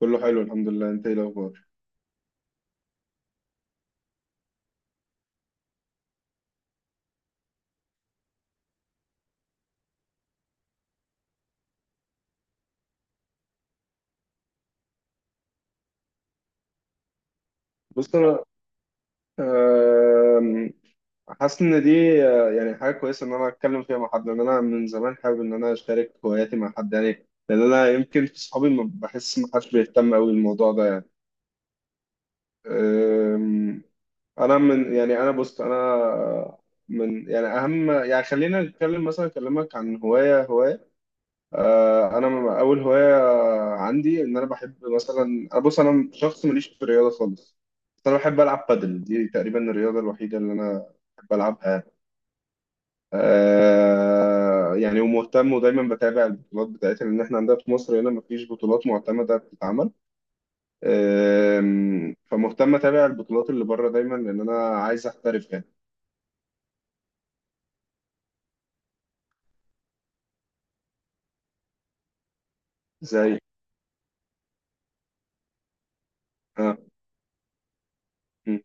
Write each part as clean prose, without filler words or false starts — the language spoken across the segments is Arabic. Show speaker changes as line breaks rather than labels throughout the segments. كله حلو الحمد لله. انت ايه الاخبار؟ بص انا آم، حاسس ان دي يعني حاجه كويسه ان انا اتكلم فيها مع حد، لان انا من زمان حابب ان انا اشارك هواياتي مع حد يعني، لان انا يمكن في صحابي ما بحس ما حدش بيهتم قوي بالموضوع ده يعني. آم، انا من يعني اهم يعني خلينا نتكلم مثلا. اكلمك عن هوايه هوايه. انا اول هوايه عندي ان انا بحب مثلا. أنا بص انا شخص ماليش في الرياضه خالص، بس انا بحب العب بادل، دي تقريبا الرياضه الوحيده اللي انا بحب العبها. يعني ومهتم ودايما بتابع البطولات بتاعتها، لان احنا عندنا في مصر هنا مفيش بطولات معتمده بتتعمل. فمهتم اتابع البطولات اللي بره دايما، لان انا عايز احترف يعني. زي آه. م.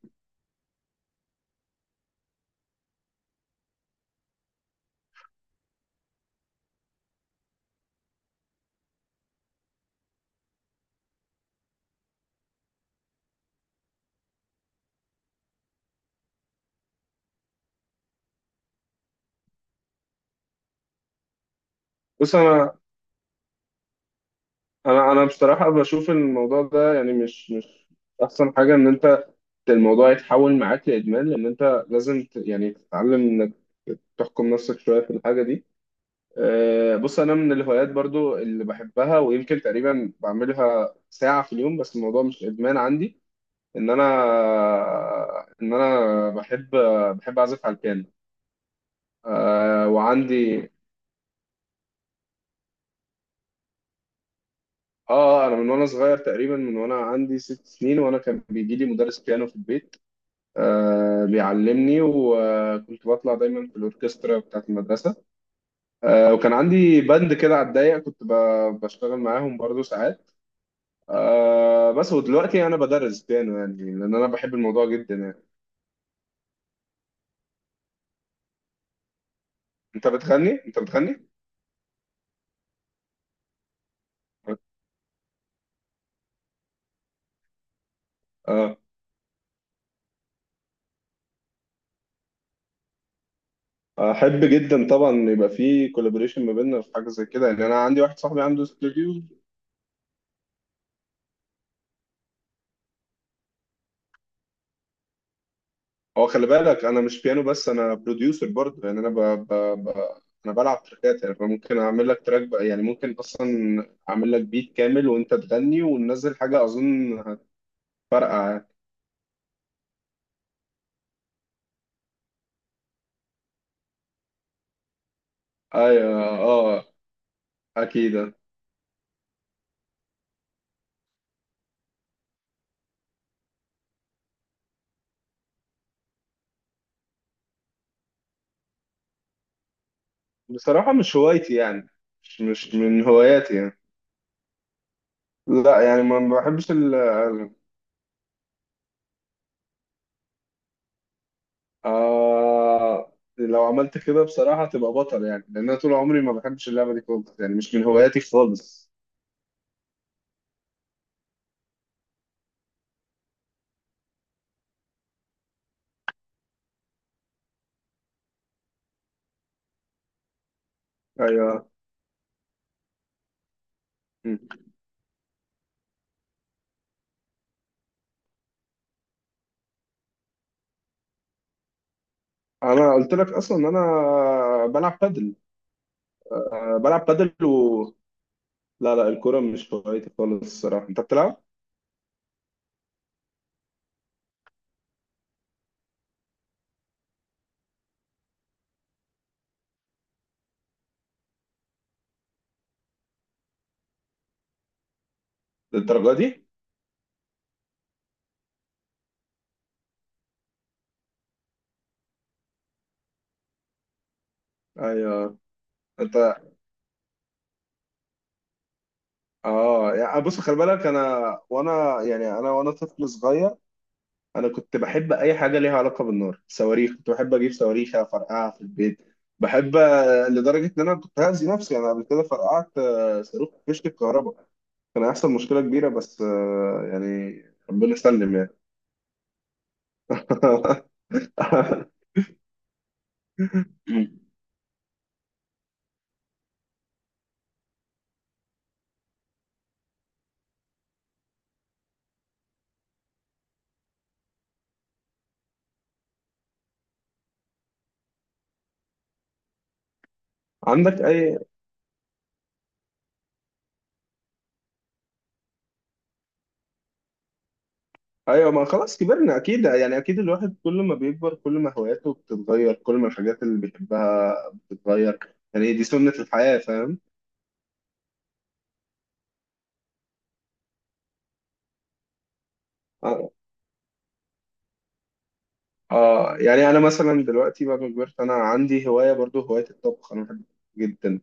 بص انا بصراحه بشوف الموضوع ده يعني، مش احسن حاجه ان انت الموضوع يتحول معاك لادمان، لان انت لازم يعني تتعلم انك تحكم نفسك شويه في الحاجه دي. بص انا من الهوايات برضو اللي بحبها، ويمكن تقريبا بعملها ساعه في اليوم، بس الموضوع مش ادمان عندي. ان انا ان انا بحب اعزف على البيانو. وعندي اه. انا من وانا صغير تقريبا، من وانا عندي 6 سنين وانا كان بيجي لي مدرس بيانو في البيت، بيعلمني، وكنت بطلع دايما في الاوركسترا بتاعت المدرسه. وكان عندي باند كده على الضيق، كنت بشتغل معاهم برضو ساعات. بس ودلوقتي انا بدرس بيانو يعني، لان انا بحب الموضوع جدا يعني. انت بتغني؟ انت بتغني؟ اه، احب جدا طبعا. يبقى في كولابوريشن ما بيننا في حاجه زي كده يعني، انا عندي واحد صاحبي عنده استوديو. هو خلي بالك انا مش بيانو بس، انا بروديوسر برضه يعني. انا ب... ب... ب... انا بلعب تراكات يعني، فممكن اعمل لك تراك بقى يعني، ممكن اصلا اعمل لك بيت كامل وانت تغني وننزل حاجه اظن هتفرقع يعني. ايوه، اه، اكيد. بصراحه مش هوايتي يعني، مش من هواياتي يعني. لا يعني ما بحبش آه. لو عملت كده بصراحه تبقى بطل يعني، لان انا طول عمري ما بحبش اللعبه دي خالص يعني، مش من هواياتي خالص. ايوه. م. انا قلت لك اصلا ان انا بلعب بادل. بلعب بادل و... لا لا، الكوره مش هوايتي خالص الصراحه. انت بتلعب للدرجه دي؟ ايوه. انت اه. يعني بص خلي بالك انا، وانا يعني انا وانا طفل صغير، انا كنت بحب اي حاجه ليها علاقه بالنار. صواريخ كنت بحب اجيب صواريخ افرقعها في البيت. بحب لدرجه ان انا كنت هأذي نفسي. انا قبل كده فرقعت صاروخ في فيشه الكهرباء، كان هيحصل مشكله كبيره، بس يعني ربنا سلم يعني. عندك اي... ايوه. ما خلاص كبرنا اكيد يعني. اكيد الواحد كل ما بيكبر كل ما هواياته بتتغير، كل ما الحاجات اللي بيحبها بتتغير، يعني دي سنة الحياة، فاهم. اه. يعني انا مثلا دلوقتي بعد ما كبرت، انا عندي هواية برضو، هواية الطبخ. انا بحب جدا.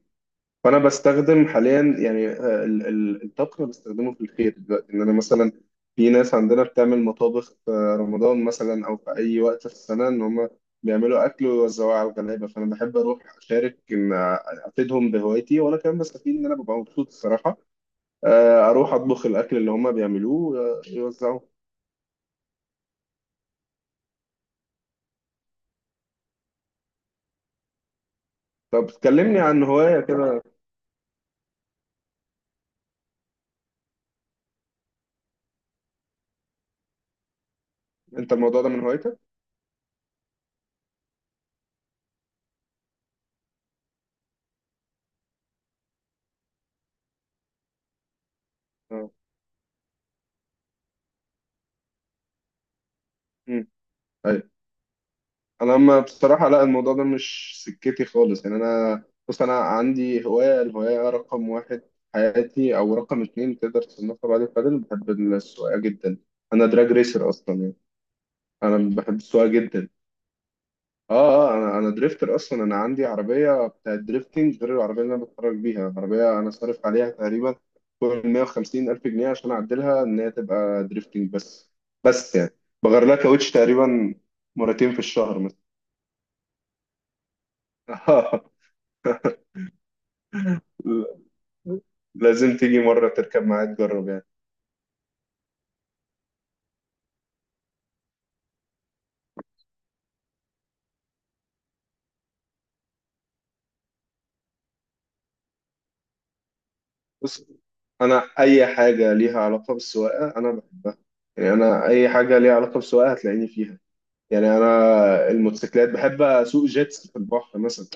فانا بستخدم حاليا يعني الطبخ. أنا بستخدمه في الخير دلوقتي، ان انا مثلا في ناس عندنا بتعمل مطابخ في رمضان مثلا، او في اي وقت في السنه، ان هم بيعملوا اكل ويوزعوه على الغلابه. فانا بحب اروح اشارك، ان افيدهم بهوايتي، وانا كمان بستفيد ان انا ببقى مبسوط الصراحه. اروح اطبخ الاكل اللي هم بيعملوه يوزعوه. طب كلمني عن هوايه كده. انت الموضوع ده من هوايتك؟ اه. امم انا ما بصراحه لا، الموضوع ده مش سكتي خالص يعني. انا بص انا عندي هوايه، الهوايه رقم واحد في حياتي، او رقم اتنين تقدر تصنفها بعد البادل، بحب السواقه جدا. انا دراج ريسر اصلا يعني، انا بحب السواقه جدا. اه. اه، انا دريفتر اصلا. انا عندي عربيه بتاعت دريفتنج غير العربيه اللي انا بتفرج بيها. عربيه انا صارف عليها تقريبا فوق ال 150 الف جنيه عشان اعدلها ان هي تبقى دريفتنج بس. بس يعني بغير لها كاوتش تقريبا مرتين في الشهر مثلا. لازم تيجي مرة تركب معايا تجرب يعني. بص، أنا أي حاجة ليها علاقة بالسواقة أنا بحبها يعني. أنا أي حاجة ليها علاقة بالسواقة هتلاقيني فيها يعني. أنا الموتوسيكلات بحب. أسوق جيتس في البحر مثلا،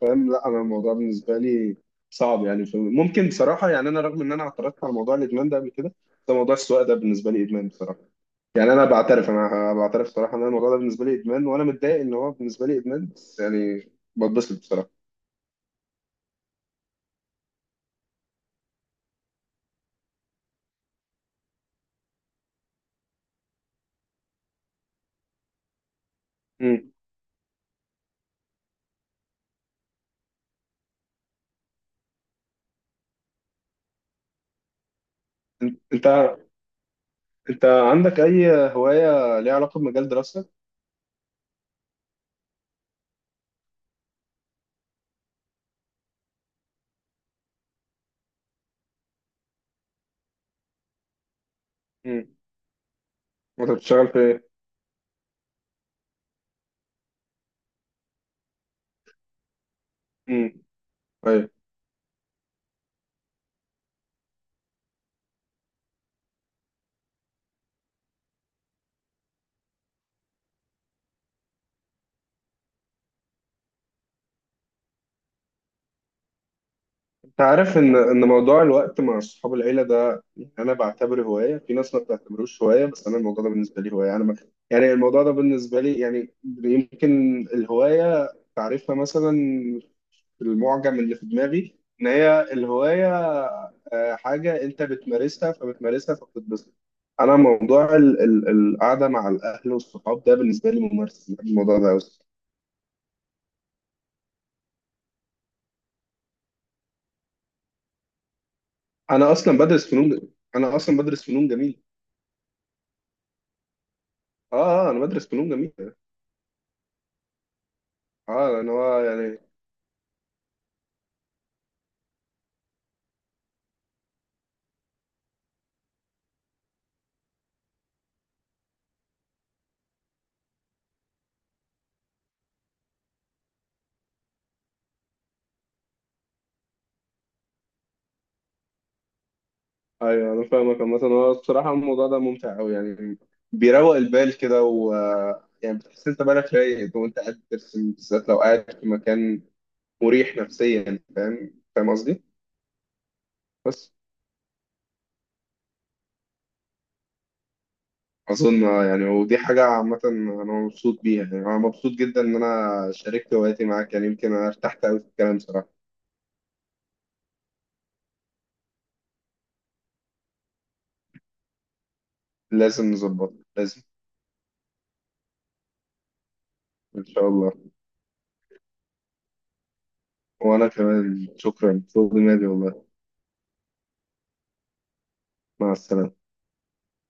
فاهم. لا أنا الموضوع بالنسبة لي صعب يعني. ممكن بصراحة يعني، أنا رغم إن أنا اعترضت على موضوع الإدمان ده قبل كده، ده موضوع السواقة ده بالنسبة لي إدمان بصراحة يعني. أنا بعترف بصراحة إن أنا الموضوع ده بالنسبة لي إدمان، وأنا متضايق إن هو بالنسبة لي إدمان، بس يعني بتبسط بصراحة. انت انت انت عندك اي هوايه ليها علاقه بمجال دراستك؟ امم انت بتشتغل في ايه؟ امم طيب. انت عارف ان موضوع الوقت مع اصحاب العيله ده، يعني انا بعتبره هوايه. في ناس ما بتعتبروش هوايه، بس انا الموضوع ده بالنسبه لي هوايه. انا ما... يعني الموضوع ده بالنسبه لي يعني، يمكن الهوايه تعريفها مثلا، المعجم اللي في دماغي ان هي الهوايه حاجه انت بتمارسها فبتمارسها فبتتبسط. انا موضوع القعده مع الاهل والصحاب ده بالنسبه لي ممارس، بحب الموضوع ده قوي. انا اصلا بدرس فنون انا اصلا بدرس فنون جميل. اه. انا بدرس فنون جميل. اه، لان هو يعني... ايوه انا فاهمك. مثلا هو بصراحه الموضوع ده ممتع قوي يعني، بيروق البال كده، و يعني بتحس انت بالك رايق وانت قاعد بترسم، بالذات لو قاعد في مكان مريح نفسيا، فاهم فاهم قصدي؟ بس اظن يعني ودي حاجه عامه انا مبسوط بيها يعني. انا مبسوط جدا ان انا شاركت هواياتي معاك يعني، يمكن انا ارتحت قوي في الكلام صراحه. لازم نظبط، لازم. ان شاء الله. وانا كمان، شكرا فوق دماغي والله. مع السلامه.